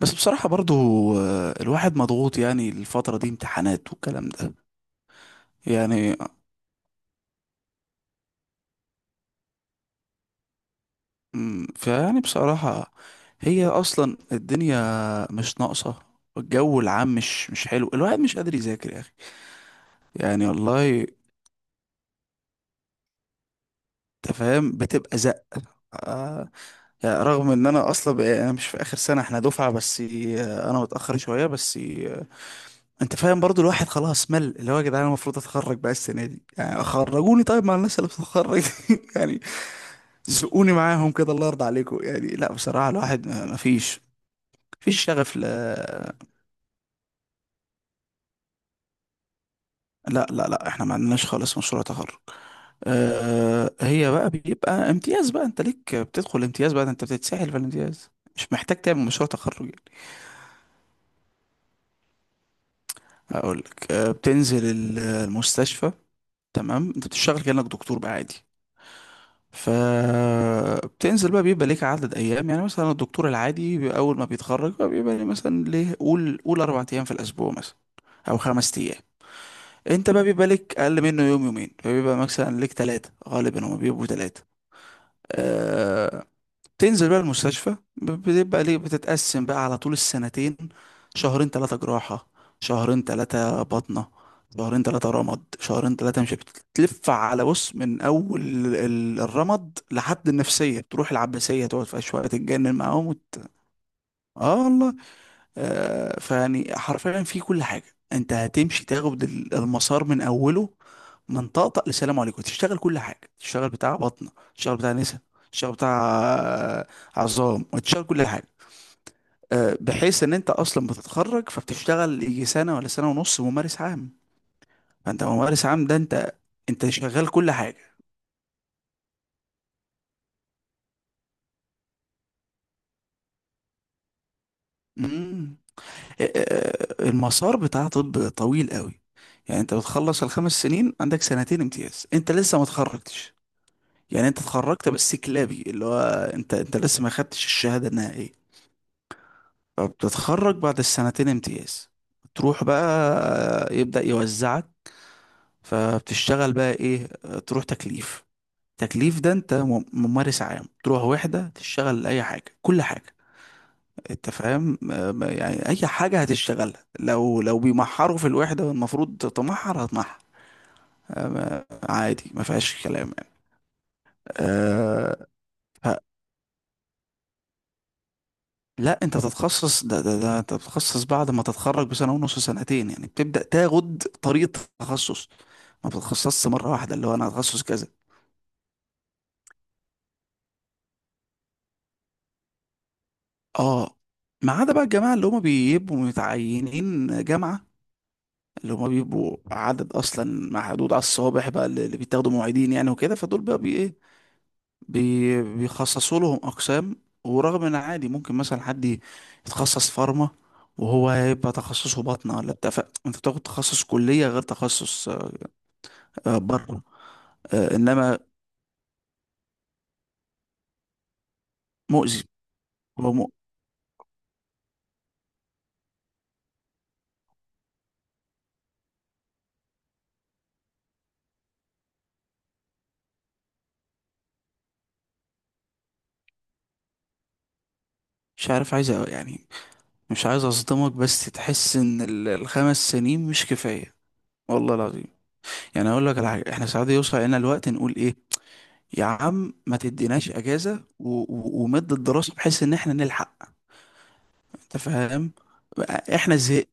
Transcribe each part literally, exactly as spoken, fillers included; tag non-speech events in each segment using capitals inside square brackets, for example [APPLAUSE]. بس بصراحة برضو، آه، الواحد مضغوط، يعني الفترة دي امتحانات والكلام ده، يعني. مم، فيعني بصراحة، هي أصلا الدنيا مش ناقصة. الجو العام مش مش حلو، الواحد مش قادر يذاكر يا أخي. يعني والله، أنت فاهم بتبقى زق. آه، يعني رغم إن أنا أصلا بقى- أنا مش في آخر سنة، إحنا دفعة بس، آه، أنا متأخر شوية بس، آه، أنت فاهم برضو. الواحد خلاص مل، اللي هو يا جدعان أنا المفروض أتخرج بقى السنة دي، يعني خرجوني طيب مع الناس اللي بتتخرج. [LAUGHS] يعني زقوني معاهم كده، الله يرضى عليكم. يعني لا بصراحة، الواحد ما ما فيش، مفيش شغف ل... لا لا لا، احنا ما عندناش خالص مشروع تخرج. أه، هي بقى بيبقى امتياز بقى، انت ليك بتدخل امتياز بقى، ده انت بتتسحل في الامتياز. مش محتاج تعمل مشروع تخرج يعني. هقول لك: أه بتنزل ال- المستشفى، تمام؟ انت بتشتغل كأنك دكتور بقى عادي. فبتنزل بقى، بيبقى ليك عدد ايام، يعني مثلا الدكتور العادي بي- اول ما بيتخرج بقى بيبقى ليه مثلا ليه، قول قول اربع ايام في الاسبوع مثلا، او خمس ايام. انت بقى بيبقى لك اقل منه يوم يومين، فبيبقى مثلا لك ثلاثة. غالبا هما بيبقوا ثلاثة. أه... تنزل بقى المستشفى. ب- بتبقى ليه بتتقسم بقى على طول السنتين، شهرين ثلاثة جراحة، شهرين ثلاثة بطنة، شهرين ثلاثة رمد، شهرين ثلاثة. مش بتلف على بص من أول ال- الرمد لحد النفسية، تروح العباسية تقعد فيها شوية تتجنن معاهم وت... اه والله. آه، فيعني حرفيا في كل حاجة، انت هتمشي تاخد ال- المسار من اوله، من طقطق لسلام عليكم. تشتغل كل حاجة، تشتغل بتاع بطنة، تشتغل بتاع نسا، تشتغل بتاع، آه، عظام، وتشتغل كل حاجة. آه، بحيث ان انت اصلا بتتخرج فبتشتغل يجي سنة ولا سنة ونص ممارس عام. فانت ممارس عام، ده انت، انت شغال كل حاجة. مم. آه، آه، المسار بتاع طب طويل قوي. يعني انت بتخلص الخمس سنين، عندك سنتين امتياز، انت لسه ما اتخرجتش. يعني انت اتخرجت بس كلابي، اللي هو انت، انت لسه ما خدتش الشهادة النهائية. فبتتخرج بعد السنتين امتياز، تروح بقى يبدأ يوزعك. فبتشتغل بقى ايه؟ تروح تكليف. تكليف ده انت مم- ممارس عام، تروح وحدة تشتغل اي حاجة كل حاجة. انت فاهم. اه، ما- يعني اي حاجة هتشتغلها، لو لو بيمحروا في الوحدة والمفروض تمحر هتمحر. اه، ما- عادي، ما فيهاش كلام يعني. آه، لا انت بتتخصص. ده ده ده انت بتتخصص بعد ما تتخرج بسنه ونص سنتين، يعني بتبدا تاخد طريقه تخصص. ما بتتخصصش مره واحده اللي هو انا هتخصص كذا. اه، ما عدا بقى الجماعه اللي هم بيبقوا متعينين جامعه، اللي هم بيبقوا عدد اصلا محدود على الصوابع بقى، اللي اللي بيتاخدوا معيدين يعني وكده. فدول بقى بي ايه بي بيخصصوا لهم اقسام. ورغم ان عادي ممكن مثلا حد يتخصص فارما وهو هيبقى تخصصه بطنه ولا بتاع ف- انت بتاخد تخصص كليه غير تخصص، آه، بره. آه، انما مؤذي. هو مؤ... مش عارف، عايز أ- يعني، مش عايز اصدمك بس تحس ان ال- الخمس سنين مش كفايه، والله العظيم. يعني اقول لك على حاجه، احنا ساعات يوصل لنا الوقت نقول ايه؟ يا عم ما تديناش اجازه و... و... ومد الدراسه بحيث ان احنا نلحق. انت فاهم، بقى احنا زهق.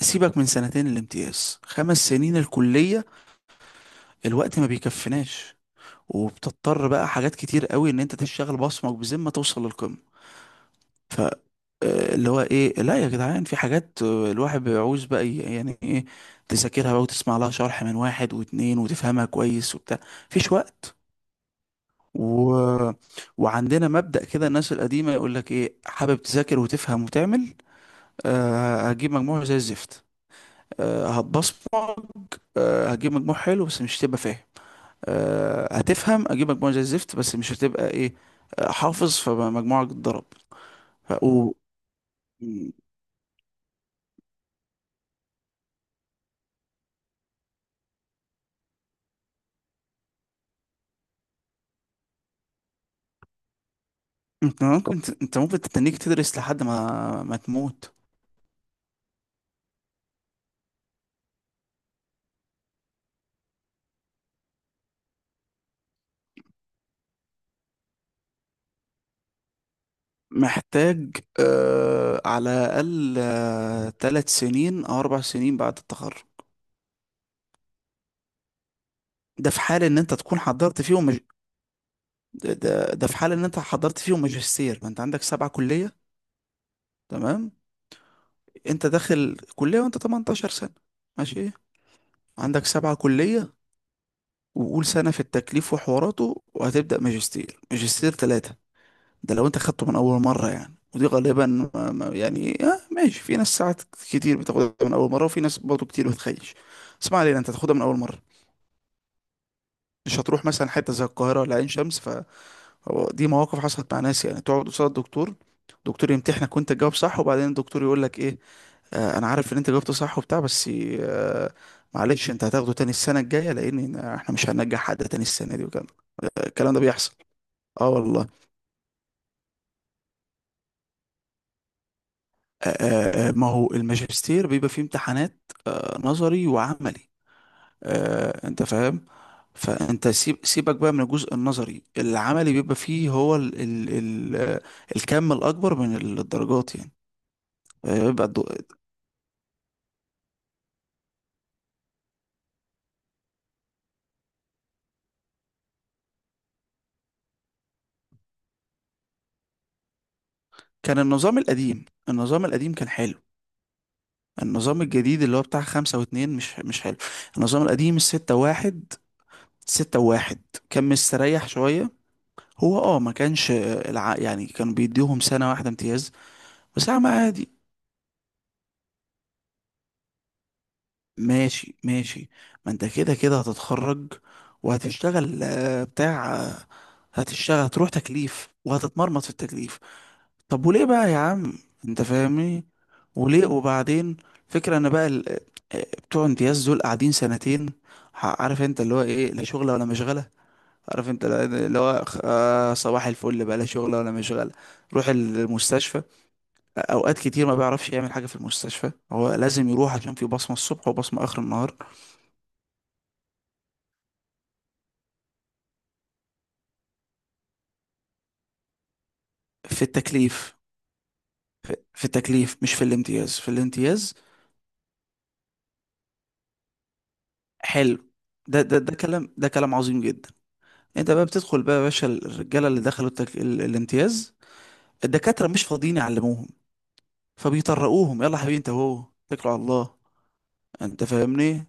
سيبك من سنتين الامتياز، خمس سنين الكليه الوقت ما بيكفناش، وبتضطر بقى حاجات كتير قوي ان انت تشتغل بصمك بذمه توصل للقمه. آه، اللي هو ايه، لا يا جدعان، في حاجات، آه، الواحد بيعوز بقى ي- يعني ايه، تذاكرها بقى وتسمع لها شرح من واحد واتنين وتفهمها كويس وبتاع. مفيش وقت. و... وعندنا مبدأ كده الناس القديمة، يقول لك ايه، حابب تذاكر وتفهم وتعمل؟ أه هتجيب مجموع زي الزفت. أه هتبصمج، أه هتجيب مجموع حلو بس مش هتبقى فاهم. أه هتفهم هتجيب مجموع زي الزفت بس مش هتبقى ايه، آه، حافظ، فمجموعك اتضرب. ف... و... انت ممكن انت ممكن تتنيك تدرس لحد ما ما تموت. محتاج آه على الأقل آه تلات سنين أو أربع سنين بعد التخرج. ده في حال إن أنت تكون حضرت فيهم مج... ده, ده ده في حال إن أنت حضرت فيهم ماجستير. ما أنت عندك سبعة كلية، تمام؟ أنت داخل كلية وأنت تمنتاشر سنة، ماشي؟ عندك سبعة كلية، وقول سنة في التكليف وحواراته، وهتبدأ ماجستير. ماجستير تلاتة، ده لو انت خدته من اول مره. يعني ودي غالبا ما- ما- يعني آه ماشي، في ناس ساعات كتير بتاخدها من اول مره، وفي ناس برضه كتير بتخيش. اسمع علينا، انت تاخدها من اول مره، مش هتروح مثلا حته زي القاهره ولا عين شمس. ف هو دي مواقف حصلت مع ناس. يعني تقعد قصاد الدكتور، الدكتور يمتحنك وانت تجاوب صح، وبعدين الدكتور يقول لك ايه، آه انا عارف ان انت جاوبت صح وبتاع، بس آه، معلش انت هتاخده تاني السنه الجايه، لان احنا مش هننجح حد تاني السنه دي وكده. الكلام ده بيحصل، اه والله. آه، ما هو الماجستير بيبقى فيه امتحانات، آه، نظري وعملي، آه، انت فاهم. فانت سيب سيبك بقى من الجزء النظري، العملي بيبقى فيه هو ال ال ال آه، الكم الاكبر من الدرجات يعني. آه، بيبقى الدو- كان النظام القديم، النظام القديم كان حلو. النظام الجديد اللي هو بتاع خمسة واتنين مش مش حلو. النظام القديم الستة واحد، ستة واحد كان مستريح شوية. هو اه ما كانش، آه، الع... يعني كانوا بيديهم سنة واحدة امتياز. بس يا عم عادي، ماشي ماشي، ما انت كده كده هتتخرج، وهتشتغل آه، بتاع، آه، هتشتغل، هتروح تكليف وهتتمرمط في التكليف. طب وليه بقى يا عم، انت فاهمني؟ وليه وبعدين؟ فكرة انا بقى ال- آه، بتوع امتياز دول قاعدين سنتين، ح- عارف انت اللي هو ايه، لا شغلة ولا مشغلة. عارف انت اللي هو، آه، صباح الفل بقى، لا شغلة ولا مشغلة. روح المستشفى، اوقات كتير ما بيعرفش يعمل حاجة في المستشفى، هو لازم يروح عشان في بصمة الصبح وبصمة اخر النهار. في التكليف. في التكليف مش في الامتياز. في الامتياز حلو، ده ده ده كلام، ده كلام عظيم جدا. انت بقى بتدخل بقى يا باشا، الرجاله اللي دخلوا التك... ال- الامتياز، الدكاتره مش فاضيين يعلموهم. فبيطرقوهم يلا يا حبيبي انت اهو، اتكلوا على الله. انت فاهمني.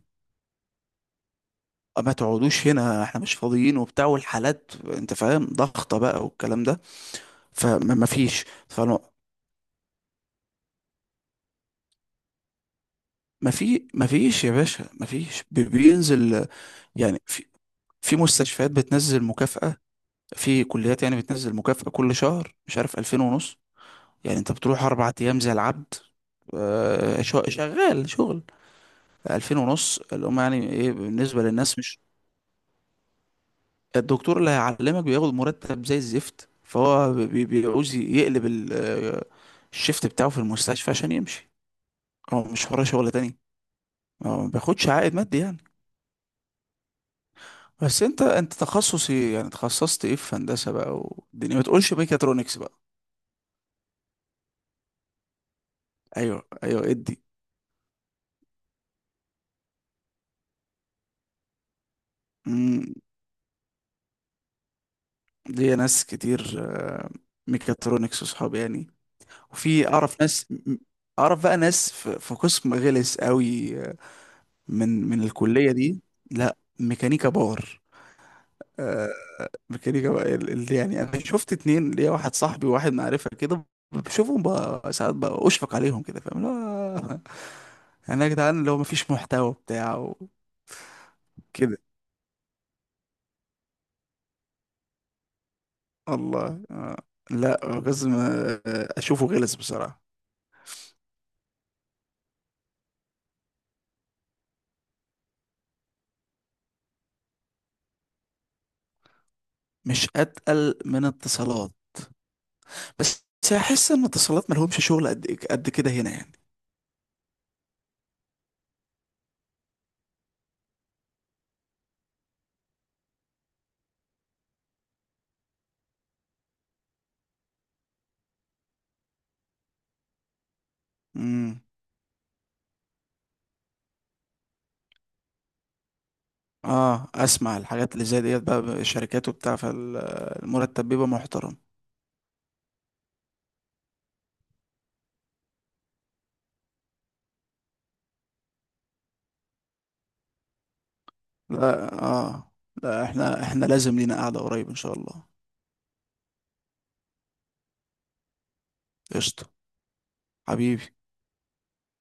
آه، ما تقعدوش هنا، احنا مش فاضيين وبتاع، والحالات انت فاهم ضغطه بقى والكلام ده، فما ما فيش فما ما في ما فيش يا باشا، ما فيش بي- بينزل يعني. في في مستشفيات بتنزل مكافأة، في كليات يعني بتنزل مكافأة كل شهر، مش عارف ألفين ونص يعني. أنت بتروح أربع أيام زي العبد، آه، شو- شغال شغل. ألفين ونص اللي هم يعني إيه بالنسبة للناس، مش. الدكتور اللي هيعلمك بياخد مرتب زي الزفت، فهو بي- بيعوز يقلب ال- آه، الشيفت بتاعه في المستشفى عشان يمشي، هو مش وراه شغل تاني. هو ما بياخدش عائد مادي يعني. بس انت انت تخصص ايه يعني؟ تخصصت ايه في هندسة بقى، والدنيا، ما تقولش ميكاترونكس بقى. ايوه ايوه. ادي، ليا ناس كتير، آه، ميكاترونكس وصحابي يعني. وفي اعرف ناس م- اعرف بقى ناس في في قسم غلس قوي، آه، من من الكلية دي. لا، ميكانيكا باور، آه، ميكانيكا بقى ال- ال- يعني انا شفت اتنين، ليا واحد صاحبي وواحد معرفة كده، بشوفهم بقى ساعات بقى اشفق عليهم كده، فاهم؟ لا [LAUGHS] يعني يا جدعان اللي هو مفيش محتوى بتاع وكده. الله، آه، لا، قسم، آه، اشوفه غلس بصراحة. مش اتقل من اتصالات، بس احس ان اتصالات ملهمش شغل قد قد كده هنا يعني. امم. اه، اسمع الحاجات اللي زي ديت بقى، شركات وبتاع، فالمرتب بيبقى محترم. لا اه، لا احنا احنا لازم لينا قعدة قريب ان شاء الله. قشطة حبيبي.